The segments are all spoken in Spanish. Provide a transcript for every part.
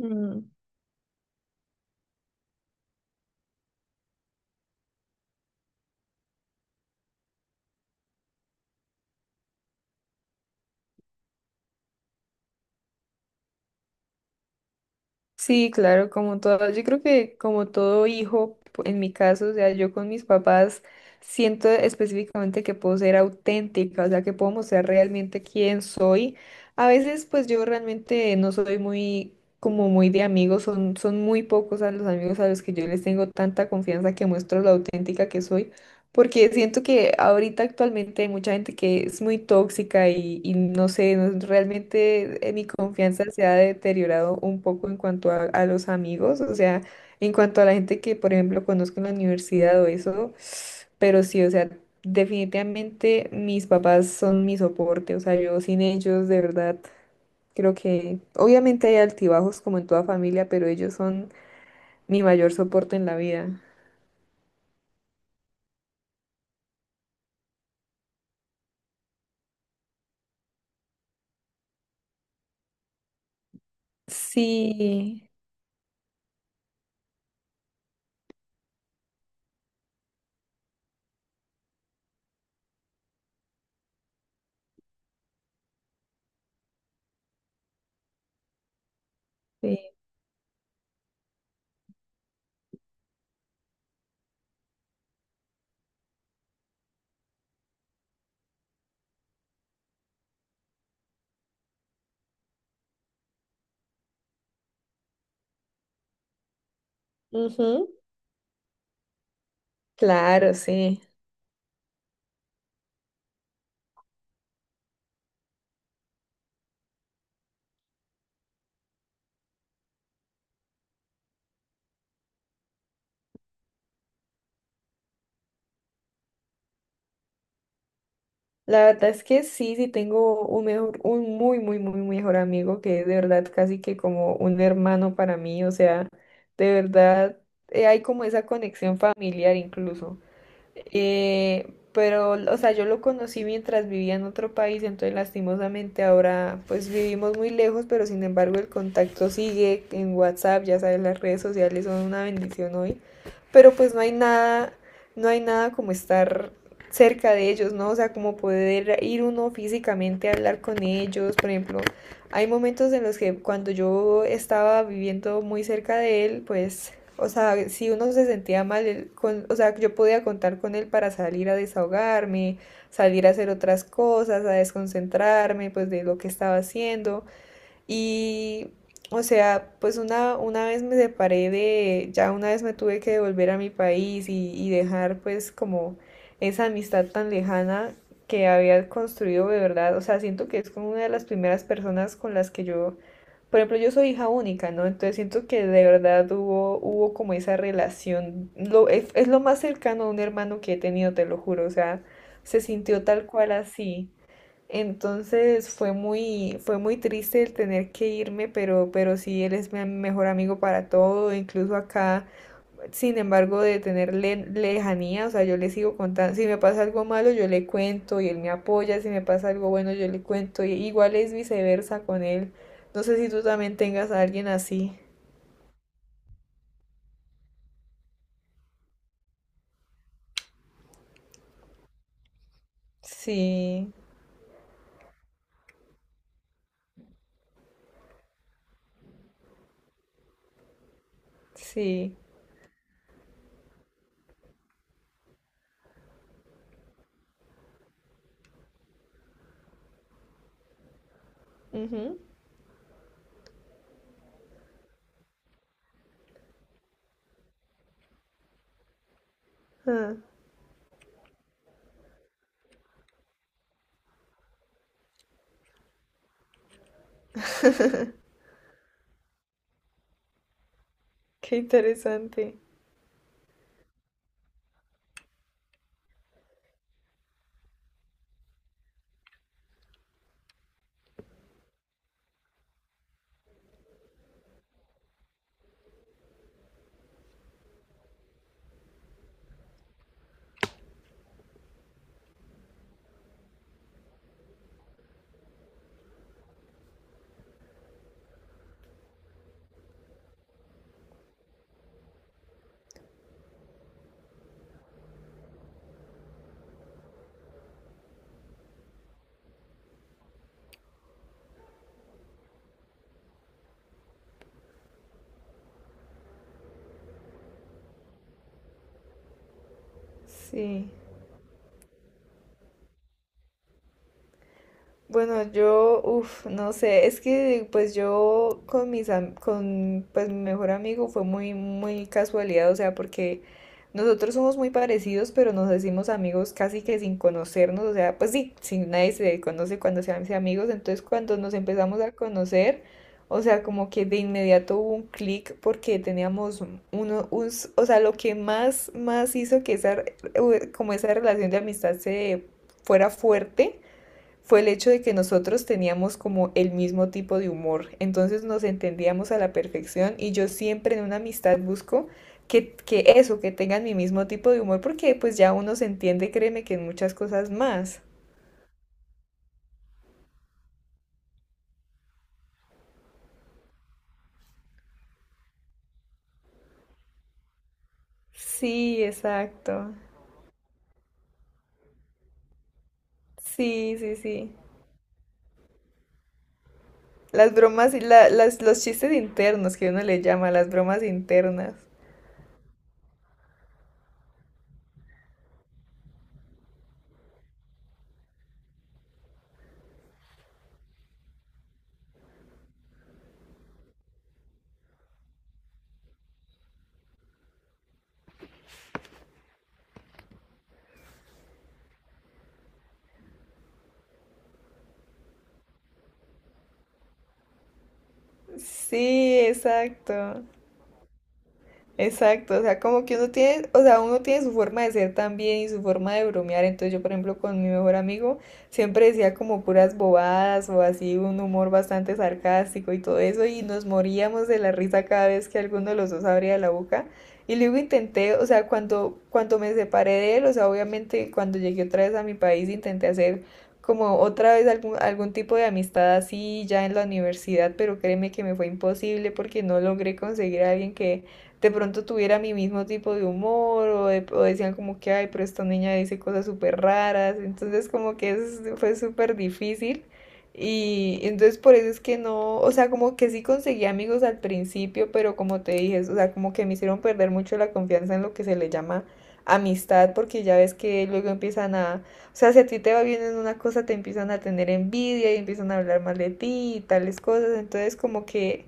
Mm, sí, claro, como todo, yo creo que como todo hijo, en mi caso, o sea, yo con mis papás siento específicamente que puedo ser auténtica, o sea, que puedo mostrar realmente quién soy. A veces, pues yo realmente no soy muy, como muy de amigos, son muy pocos a los amigos a los que yo les tengo tanta confianza que muestro lo auténtica que soy. Porque siento que ahorita actualmente hay mucha gente que es muy tóxica y no sé, realmente mi confianza se ha deteriorado un poco en cuanto a los amigos, o sea, en cuanto a la gente que, por ejemplo, conozco en la universidad o eso, pero sí, o sea, definitivamente mis papás son mi soporte, o sea, yo sin ellos, de verdad, creo que obviamente hay altibajos como en toda familia, pero ellos son mi mayor soporte en la vida. Sí, sí. Ujú. Claro, sí. La verdad es que sí, sí tengo un mejor, un muy, muy, muy mejor amigo que es de verdad casi que como un hermano para mí. O sea, de verdad hay como esa conexión familiar incluso. Pero, o sea, yo lo conocí mientras vivía en otro país, entonces lastimosamente ahora pues vivimos muy lejos, pero sin embargo el contacto sigue en WhatsApp, ya sabes, las redes sociales son una bendición hoy, pero pues no hay nada, no hay nada como estar cerca de ellos, ¿no? O sea, como poder ir uno físicamente a hablar con ellos, por ejemplo, hay momentos en los que cuando yo estaba viviendo muy cerca de él, pues o sea, si uno se sentía mal, él con, o sea, yo podía contar con él para salir a desahogarme, salir a hacer otras cosas, a desconcentrarme, pues, de lo que estaba haciendo. Y, o sea, pues una vez me separé de, ya una vez me tuve que devolver a mi país y dejar, pues, como esa amistad tan lejana que había construido de verdad. O sea, siento que es como una de las primeras personas con las que yo por ejemplo, yo soy hija única, ¿no? Entonces siento que de verdad hubo, hubo como esa relación. Es lo más cercano a un hermano que he tenido, te lo juro. O sea, se sintió tal cual así. Entonces fue muy triste el tener que irme, pero sí, él es mi mejor amigo para todo. Incluso acá sin embargo, de tener lejanía, o sea, yo le sigo contando, si me pasa algo malo, yo le cuento y él me apoya, si me pasa algo bueno, yo le cuento, y igual es viceversa con él. No sé si tú también tengas a alguien así. Sí, sí. Ujú. Ah, qué interesante. Sí. Bueno, yo, uff, no sé, es que pues yo con con pues mi mejor amigo fue muy muy casualidad, o sea, porque nosotros somos muy parecidos, pero nos decimos amigos casi que sin conocernos, o sea, pues sí, sí, nadie se conoce cuando se hace amigos, entonces cuando nos empezamos a conocer, o sea, como que de inmediato hubo un clic porque teníamos o sea, lo que más hizo que esa como esa relación de amistad se fuera fuerte fue el hecho de que nosotros teníamos como el mismo tipo de humor, entonces nos entendíamos a la perfección y yo siempre en una amistad busco que eso, que tengan mi mismo tipo de humor, porque pues ya uno se entiende, créeme, que en muchas cosas más. Sí, exacto. Sí, sí, sí. Las bromas, y los chistes internos que uno le llama, las bromas internas. Sí, exacto. Exacto, o sea, como que uno tiene, o sea, uno tiene su forma de ser también y su forma de bromear. Entonces yo, por ejemplo, con mi mejor amigo siempre decía como puras bobadas o así un humor bastante sarcástico y todo eso y nos moríamos de la risa cada vez que alguno de los dos abría la boca. Y luego intenté, o sea, cuando me separé de él, o sea, obviamente cuando llegué otra vez a mi país intenté hacer como otra vez algún tipo de amistad así ya en la universidad, pero créeme que me fue imposible porque no logré conseguir a alguien que de pronto tuviera mi mismo tipo de humor o decían como que, ay, pero esta niña dice cosas súper raras, entonces como que fue súper difícil y entonces por eso es que no, o sea, como que sí conseguí amigos al principio, pero como te dije, o sea, como que me hicieron perder mucho la confianza en lo que se le llama amistad, porque ya ves que luego empiezan a, o sea, si a ti te va bien en una cosa, te empiezan a tener envidia y empiezan a hablar mal de ti y tales cosas, entonces como que...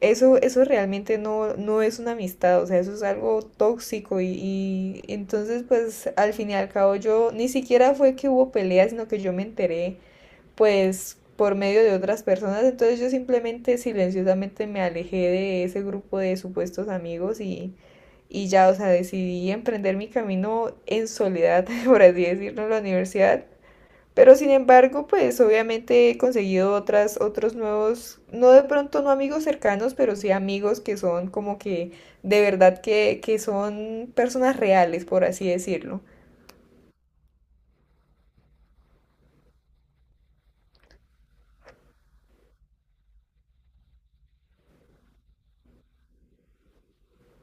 Eso realmente no, no es una amistad, o sea, eso es algo tóxico y entonces pues al fin y al cabo yo ni siquiera fue que hubo peleas, sino que yo me enteré pues por medio de otras personas, entonces yo simplemente silenciosamente me alejé de ese grupo de supuestos amigos y ya, o sea, decidí emprender mi camino en soledad, por así decirlo, en la universidad pero sin embargo, pues obviamente he conseguido otras, otros nuevos, no de pronto no amigos cercanos, pero sí amigos que son como que de verdad que son personas reales, por así decirlo.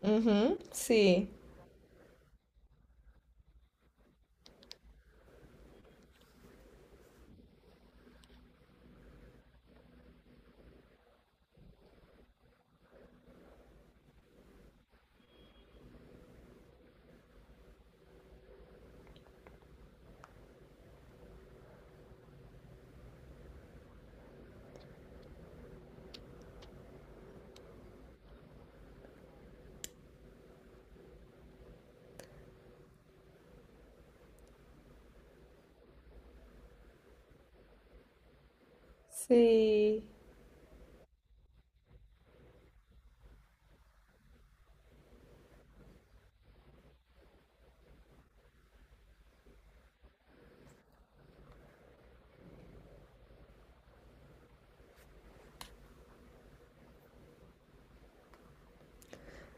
Ujú, sí, sí.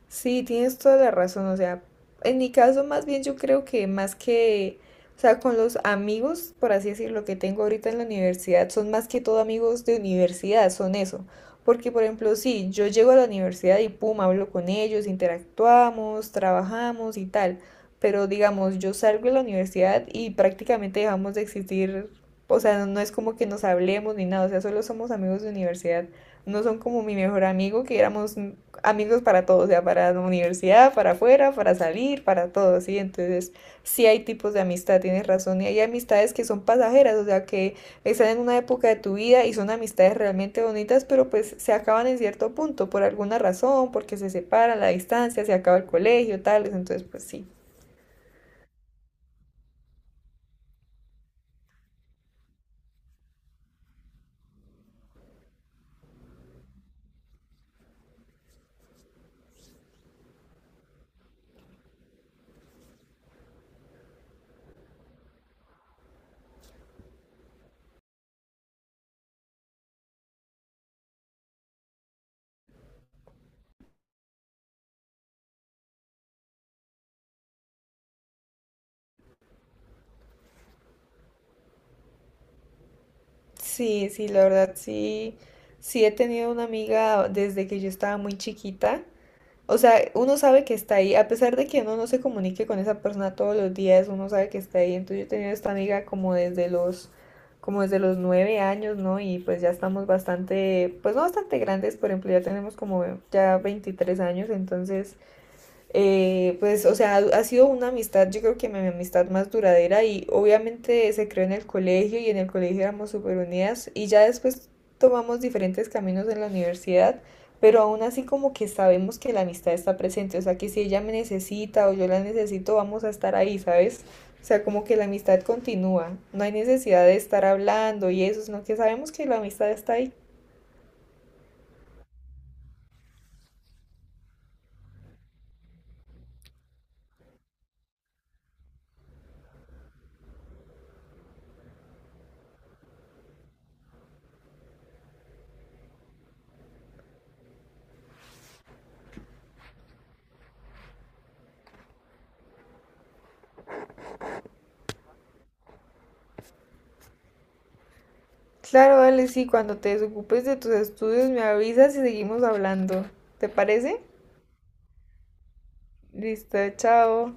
Sí, tienes toda la razón. O sea, en mi caso más bien yo creo que más que, o sea, con los amigos, por así decirlo, que tengo ahorita en la universidad, son más que todo amigos de universidad, son eso. Porque, por ejemplo, sí, yo llego a la universidad y pum, hablo con ellos, interactuamos, trabajamos y tal. Pero digamos, yo salgo de la universidad y prácticamente dejamos de existir, o sea, no es como que nos hablemos ni nada, o sea, solo somos amigos de universidad, no son como mi mejor amigo, que éramos amigos para todo, o sea, para la universidad, para afuera, para salir, para todo, ¿sí? Entonces, sí hay tipos de amistad, tienes razón, y hay amistades que son pasajeras, o sea, que están en una época de tu vida y son amistades realmente bonitas, pero pues se acaban en cierto punto, por alguna razón, porque se separan, la distancia, se acaba el colegio, tales, entonces, pues sí. Sí, sí, la verdad, sí, sí he tenido una amiga desde que yo estaba muy chiquita. O sea, uno sabe que está ahí, a pesar de que uno no se comunique con esa persona todos los días, uno sabe que está ahí. Entonces yo he tenido esta amiga como desde los 9 años, ¿no? Y pues ya estamos bastante, pues no bastante grandes, por ejemplo, ya tenemos como ya 23 años, entonces pues, o sea, ha sido una amistad, yo creo que mi amistad más duradera y obviamente se creó en el colegio y en el colegio éramos súper unidas y ya después tomamos diferentes caminos en la universidad, pero aún así como que sabemos que la amistad está presente, o sea, que si ella me necesita o yo la necesito, vamos a estar ahí, ¿sabes? O sea, como que la amistad continúa, no hay necesidad de estar hablando y eso, sino que sabemos que la amistad está ahí. Claro, vale, sí, cuando te desocupes de tus estudios me avisas y seguimos hablando. ¿Te parece? Listo, chao.